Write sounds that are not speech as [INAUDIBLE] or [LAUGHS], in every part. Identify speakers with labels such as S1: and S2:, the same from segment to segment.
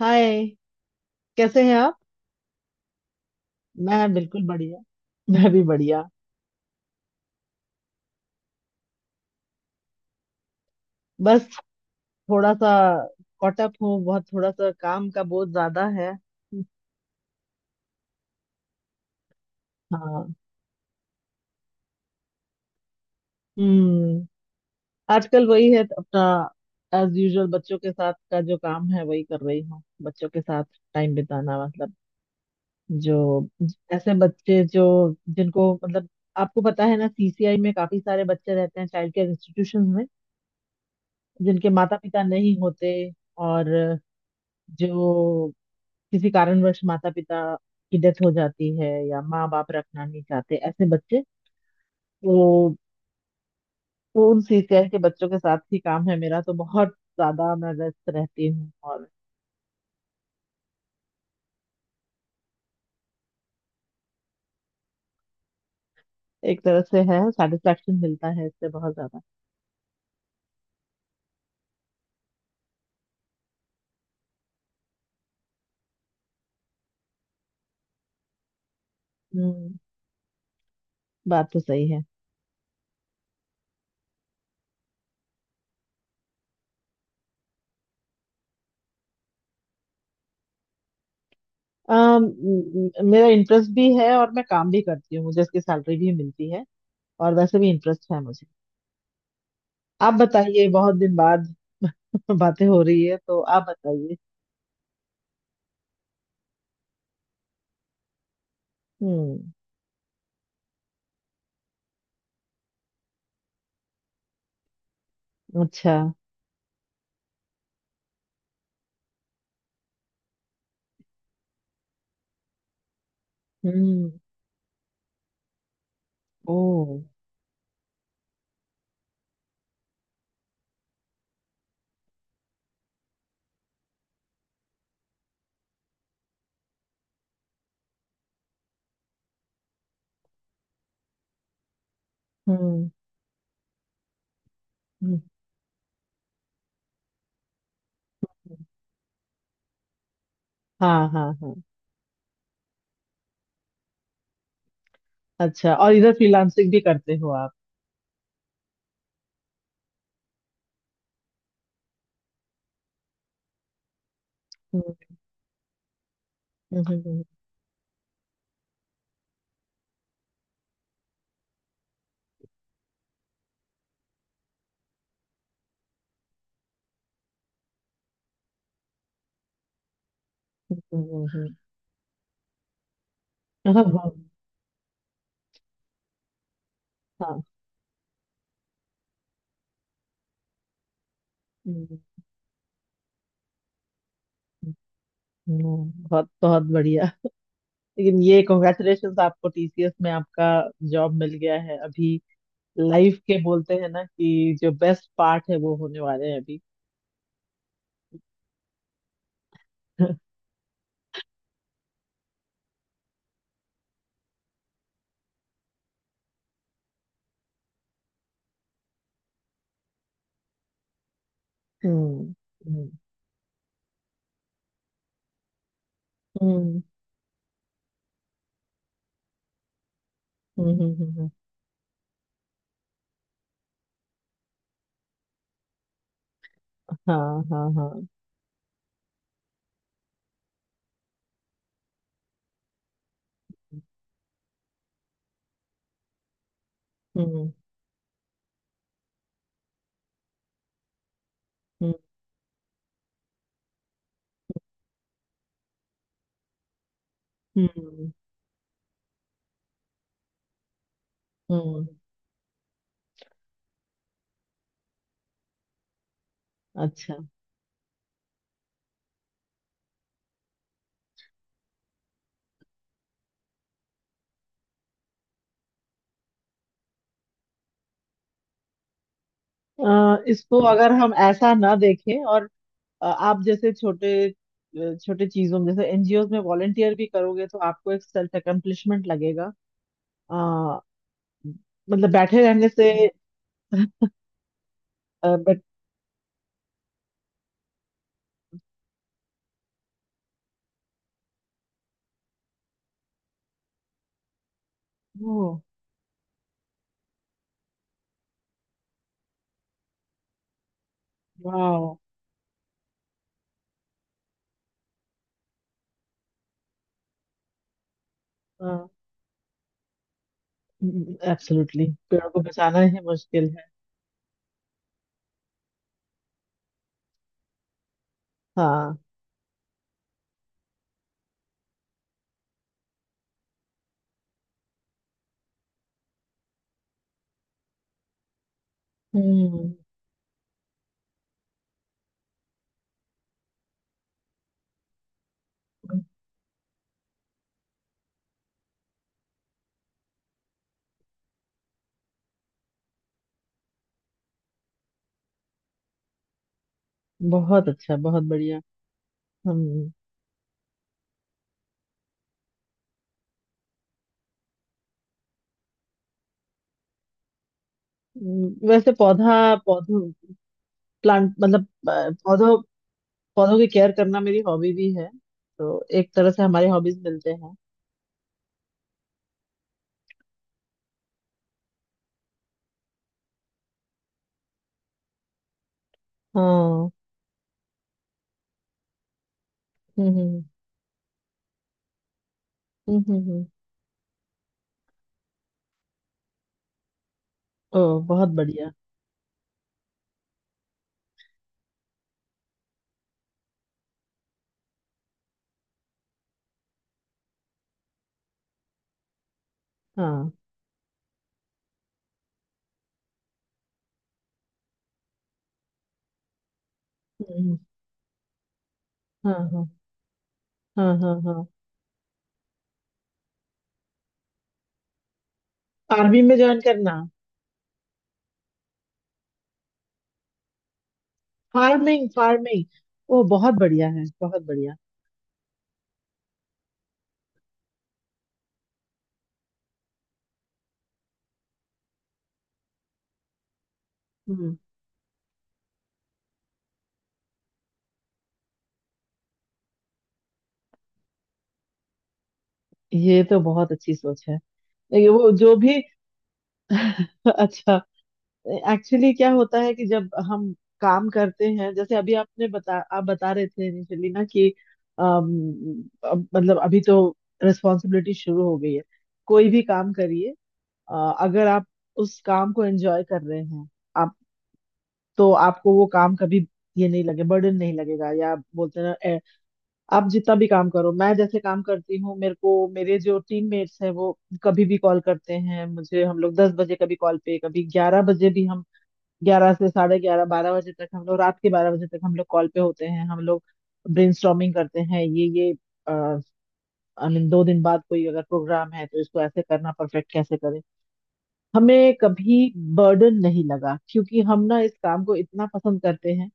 S1: हाय, कैसे हैं आप? मैं बिल्कुल बढ़िया। मैं भी बढ़िया। बस थोड़ा सा कॉट अप हूँ बहुत, थोड़ा सा काम का बहुत ज्यादा है। हाँ। हम्म। आजकल वही है अपना, एज यूजुअल। बच्चों के साथ का जो काम है वही कर रही हूँ, बच्चों के साथ टाइम बिताना, मतलब, जो ऐसे बच्चे जो, जिनको, मतलब, आपको पता है ना, सीसीआई में काफी सारे बच्चे रहते हैं, चाइल्ड केयर इंस्टीट्यूशन में, जिनके माता पिता नहीं होते। और जो किसी कारणवश माता पिता की डेथ हो जाती है, या माँ बाप रखना नहीं चाहते, ऐसे बच्चे, तो तो उन सीसीएल के बच्चों के साथ ही काम है मेरा, तो बहुत ज्यादा मैं व्यस्त रहती हूँ। और एक तरह से है, सेटिस्फेक्शन मिलता है इससे बहुत ज्यादा। हम्म। बात तो सही है। मेरा इंटरेस्ट भी है और मैं काम भी करती हूँ, मुझे इसकी सैलरी भी मिलती है। और वैसे भी इंटरेस्ट है मुझे। आप बताइए, बहुत दिन बाद [LAUGHS] बातें हो रही है, तो आप बताइए। हम्म। अच्छा। हम्म। ओ। हम्म। हम्म। हाँ, हाँ, हाँ। अच्छा, और इधर फ्रीलांसिंग भी करते हो आप? हम्म। हम्म। हम्म। हम्म। हम्म। हाँ। हाँ। हम्म। हम्म। हम्म। बहुत बहुत बढ़िया। लेकिन ये कॉन्ग्रेचुलेशन, आपको टीसीएस में आपका जॉब मिल गया है अभी। लाइफ के बोलते हैं ना कि जो बेस्ट पार्ट है वो होने वाले हैं अभी। [LAUGHS] हम्म। हम्म। हम्म। हम्म। हम्म। हम्म। हाँ, हाँ, हाँ। हम्म हम्म। हम्म। हम्म। अच्छा। इसको अगर हम ऐसा ना देखें, और आप जैसे छोटे, छोटे चीजों में, जैसे एनजीओ में वॉलेंटियर भी करोगे तो आपको एक सेल्फ अकम्प्लिशमेंट लगेगा। अ, मतलब, बैठे रहने से। बट, ओ, वाह, एब्सोल्युटली, पेड़ों को बचाना ही मुश्किल है। हाँ। हम्म। बहुत अच्छा, बहुत बढ़िया। हम्म। वैसे, पौधा पौधों, प्लांट मतलब, पौधों, पौधों की केयर करना मेरी हॉबी भी है, तो एक तरह से हमारे हॉबीज मिलते हैं। हाँ। हम्म। हम्म। हम्म। हम्म। हम्म। ओ, बहुत बढ़िया। हाँ। हम्म। हम्म। हाँ, हाँ, हाँ। हाँ। हाँ। फार्मिंग में ज्वाइन करना? Farming, farming. ओ, बहुत बढ़िया है, बहुत बढ़िया। हम्म। ये तो बहुत अच्छी सोच है। ये वो जो भी [LAUGHS] अच्छा। एक्चुअली क्या होता है कि जब हम काम करते हैं, जैसे अभी आपने बता आप बता रहे थे इनिशियली, ना कि अम, अब मतलब अभी तो रिस्पॉन्सिबिलिटी शुरू हो गई है, कोई भी काम करिए। अगर आप उस काम को एंजॉय कर रहे हैं आप, तो आपको वो काम कभी ये नहीं लगे, बर्डन नहीं लगेगा। या आप बोलते हैं ना, आप जितना भी काम करो, मैं जैसे काम करती हूँ, मेरे को मेरे जो टीममेट्स हैं वो कभी भी कॉल करते हैं मुझे, हम लोग 10 बजे कभी कॉल पे, कभी 11 बजे भी हम, 11 से 11:30, 12 बजे तक, हम लोग रात के 12 बजे तक हम लोग कॉल पे होते हैं। हम लोग ब्रेनस्टॉर्मिंग करते हैं, ये आई मीन, 2 दिन बाद कोई अगर प्रोग्राम है तो इसको ऐसे करना, परफेक्ट कैसे करें। हमें कभी बर्डन नहीं लगा क्योंकि हम ना इस काम को इतना पसंद करते हैं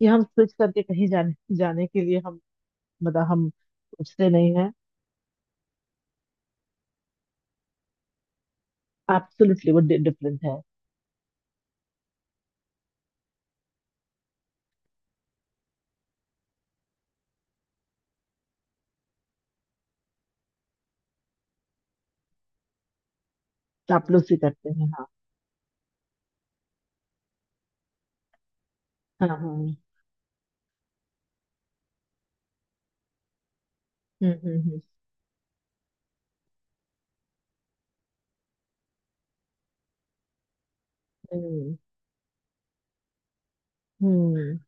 S1: कि हम स्विच करके कहीं जाने जाने के लिए हम, मतलब हम सोचते नहीं है। एब्सोल्युटली, वो डिफरेंट है। चापलूसी करते हैं, हाँ। हाँ, हाँ। हम्म। हम्म। हम्म। हम्म। हम्म।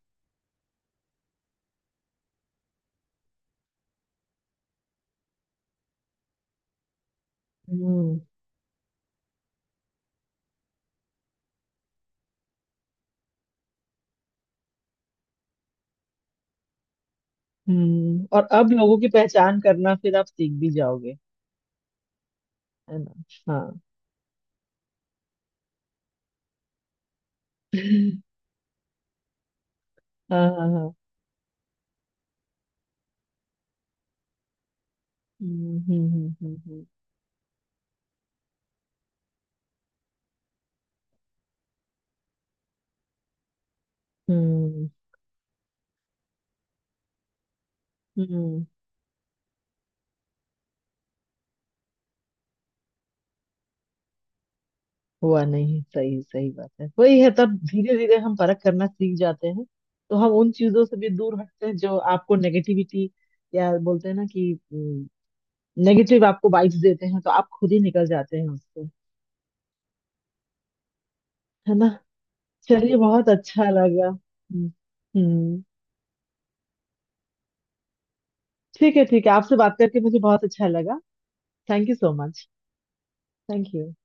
S1: हम्म। हम्म, और अब लोगों की पहचान करना फिर आप सीख भी जाओगे, है ना? हाँ। [LAUGHS] हाँ, हाँ, हाँ। हम्म। हम्म। हम्म। हम्म। हम्म। हम्म। हम्म। हुआ नहीं, सही सही बात है, वही है, तब धीरे धीरे हम परख करना सीख जाते हैं, तो हम उन चीजों से भी दूर हटते हैं जो आपको नेगेटिविटी, या बोलते हैं ना कि नेगेटिव आपको वाइब्स देते हैं तो आप खुद ही निकल जाते हैं उससे, है ना? चलिए, बहुत अच्छा लगा। हम्म। हम्म। ठीक है, ठीक है, आपसे बात करके मुझे बहुत अच्छा लगा। Thank you so much. Thank you.